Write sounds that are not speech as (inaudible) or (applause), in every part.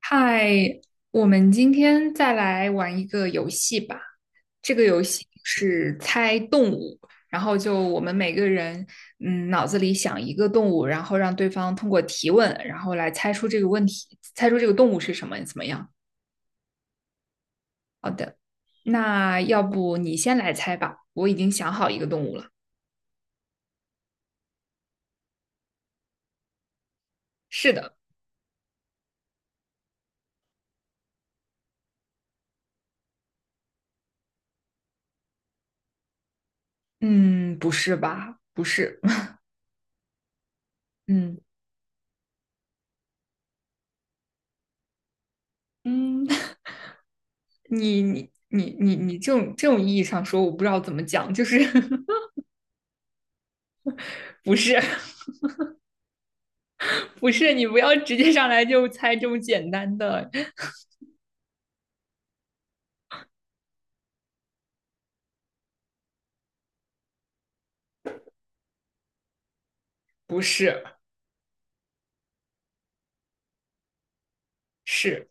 嗨，我们今天再来玩一个游戏吧。这个游戏是猜动物，然后就我们每个人，脑子里想一个动物，然后让对方通过提问，然后来猜出这个问题，猜出这个动物是什么，怎么样？那要不你先来猜吧，我已经想好一个动物了。是的。嗯，不是吧？不是。(laughs) 嗯嗯。(laughs) 你这种意义上说，我不知道怎么讲，就是 (laughs) 不是。(laughs) 不是，你不要直接上来就猜这么简单的。不是。是。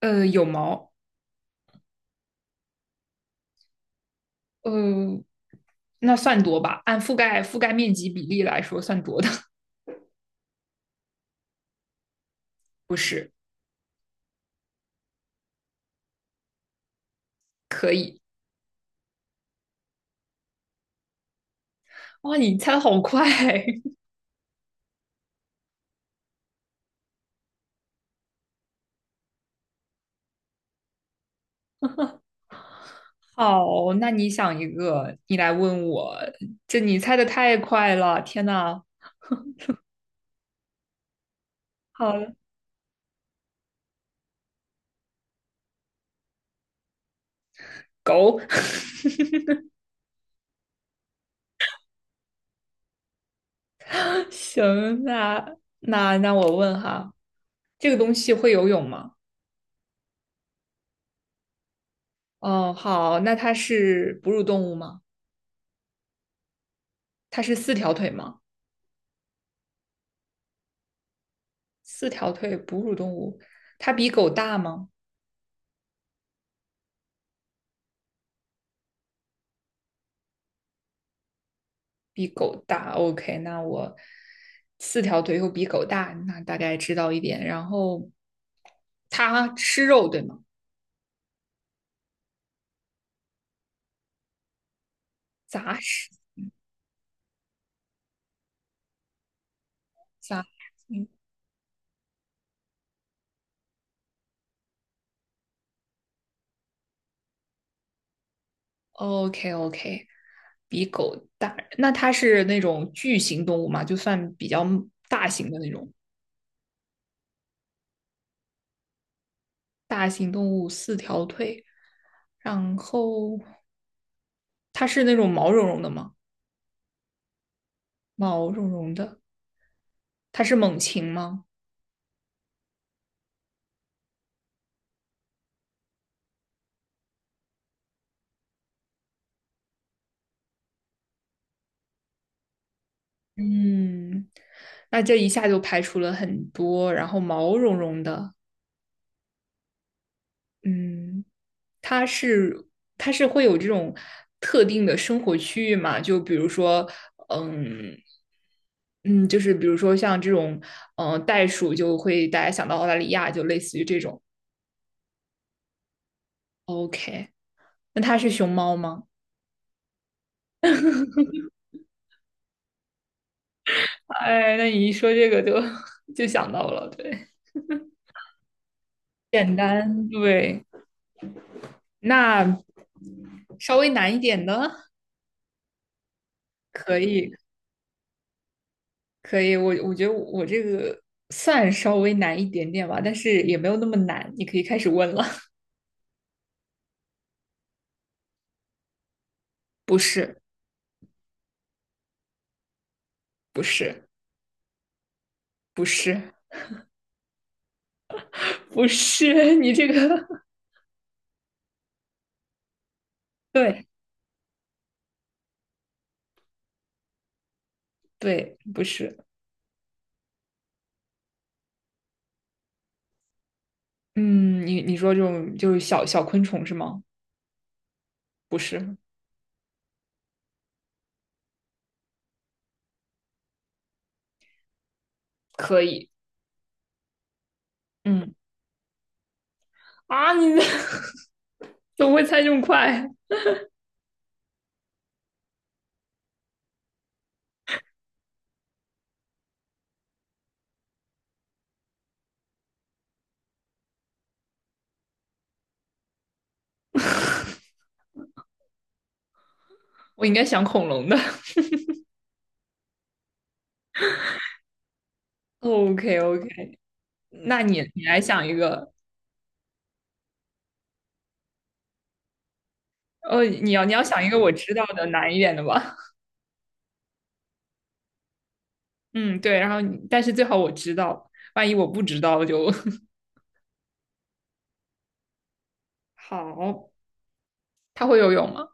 有毛。呃，那算多吧？按覆盖面积比例来说，算多的。不是。可以。哇，你猜的好快！好，那你想一个，你来问我。这你猜的太快了，天呐！好，狗。(laughs) 行，那我问哈，这个东西会游泳吗？哦，好，那它是哺乳动物吗？它是四条腿吗？四条腿哺乳动物，它比狗大吗？比狗大。OK，那我四条腿又比狗大，那大概知道一点。然后它吃肉，对吗？杂食。杂。嗯，OK OK，比狗大。那它是那种巨型动物嘛？就算比较大型的那种。大型动物，四条腿。然后它是那种毛茸茸的吗？毛茸茸的。它是猛禽吗？嗯，那这一下就排除了很多，然后毛茸茸的。嗯，它是它是会有这种特定的生活区域嘛？就比如说，嗯。嗯，就是比如说像这种，嗯，袋鼠就会大家想到澳大利亚，就类似于这种。OK，那它是熊猫吗？哎，那你一说这个就 (laughs) 就想到了，对。简单，对，那稍微难一点的可以。可以，我觉得我这个算稍微难一点点吧，但是也没有那么难，你可以开始问了。(laughs) 不是。不是。不是。不是，你这个 (laughs) 对。对，不是。嗯，你你说这种就是小小昆虫是吗？不是。可以。嗯。啊，你 (laughs) 怎么会猜这么快？我应该想恐龙的。(laughs) OK OK，那你你来想一个。你要你要想一个我知道的难一点的吧。嗯，对，然后你但是最好我知道，万一我不知道就 (laughs) 好。他会游泳吗？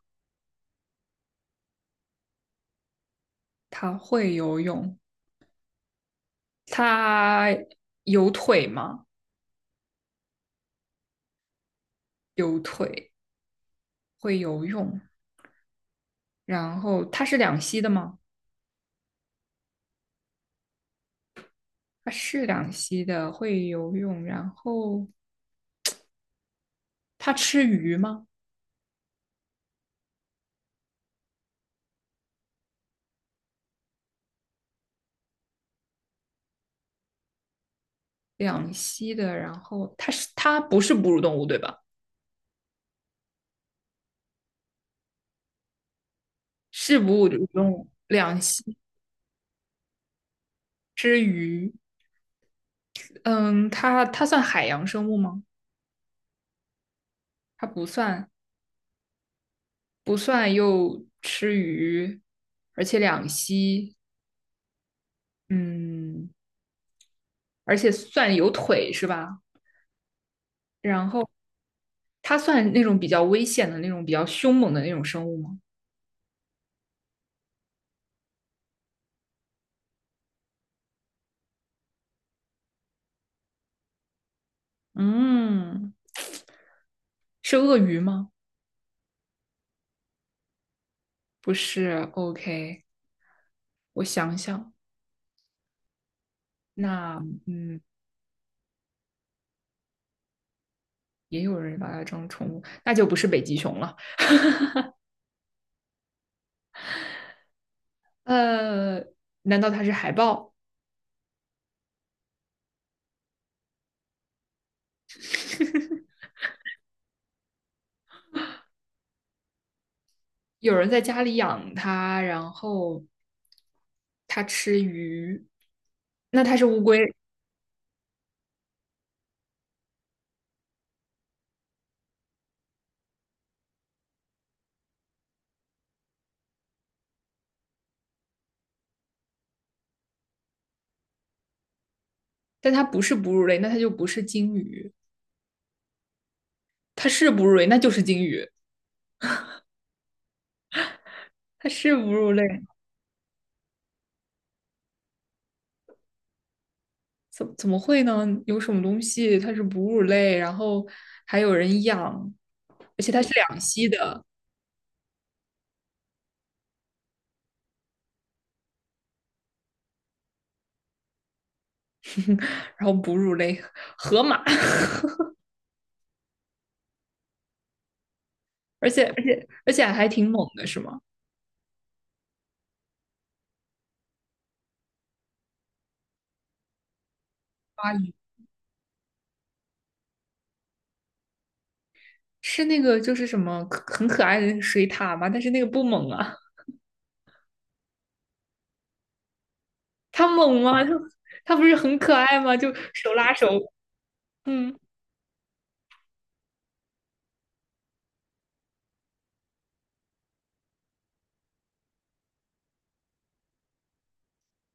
他会游泳。他有腿吗？有腿，会游泳。然后他是两栖的吗？他是两栖的，会游泳。然后他吃鱼吗？两栖的，然后它不是哺乳动物对吧？是哺乳动物，两栖吃鱼。嗯，它它算海洋生物吗？它不算。不算又吃鱼，而且两栖。嗯，而且算有腿是吧？然后它算那种比较危险的那种、比较凶猛的那种生物吗？嗯，是鳄鱼吗？不是，OK，我想想。那嗯，也有人把它当宠物，那就不是北极熊了。呃，难道它是海豹？有人在家里养它，然后它吃鱼，那它是乌龟？但它不是哺乳类，那它就不是鲸鱼；它是哺乳类，那就是鲸鱼；它是哺乳类，怎么会呢？有什么东西它是哺乳类，然后还有人养，而且它是两栖的。(laughs) 然后哺乳类河马。(laughs) 而且还挺猛的，是吗？蛙鱼是那个就是什么很可爱的那个水獭吗？但是那个不猛啊。它猛吗？它它不是很可爱吗？就手拉手。嗯，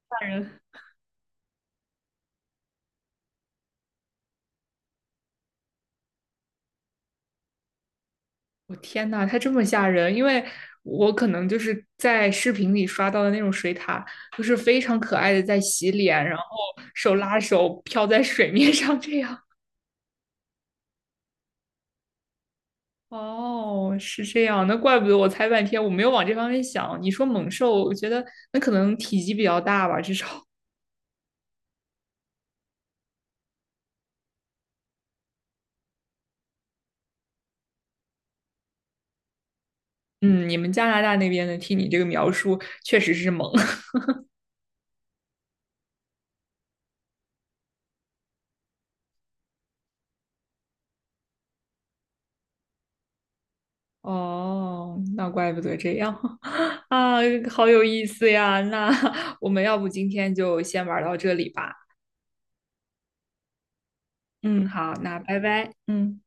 吓人。我天呐，它这么吓人！因为我可能就是在视频里刷到的那种水獭，就是非常可爱的在洗脸，然后手拉手飘在水面上这样。(laughs) 哦，是这样，那怪不得我猜半天，我没有往这方面想。你说猛兽，我觉得那可能体积比较大吧，至少。(laughs) 嗯，你们加拿大那边的，听你这个描述，确实是猛。(laughs) 哦，那怪不得这样 (laughs) 啊，好有意思呀！那我们要不今天就先玩到这里吧。嗯，好，那拜拜，嗯。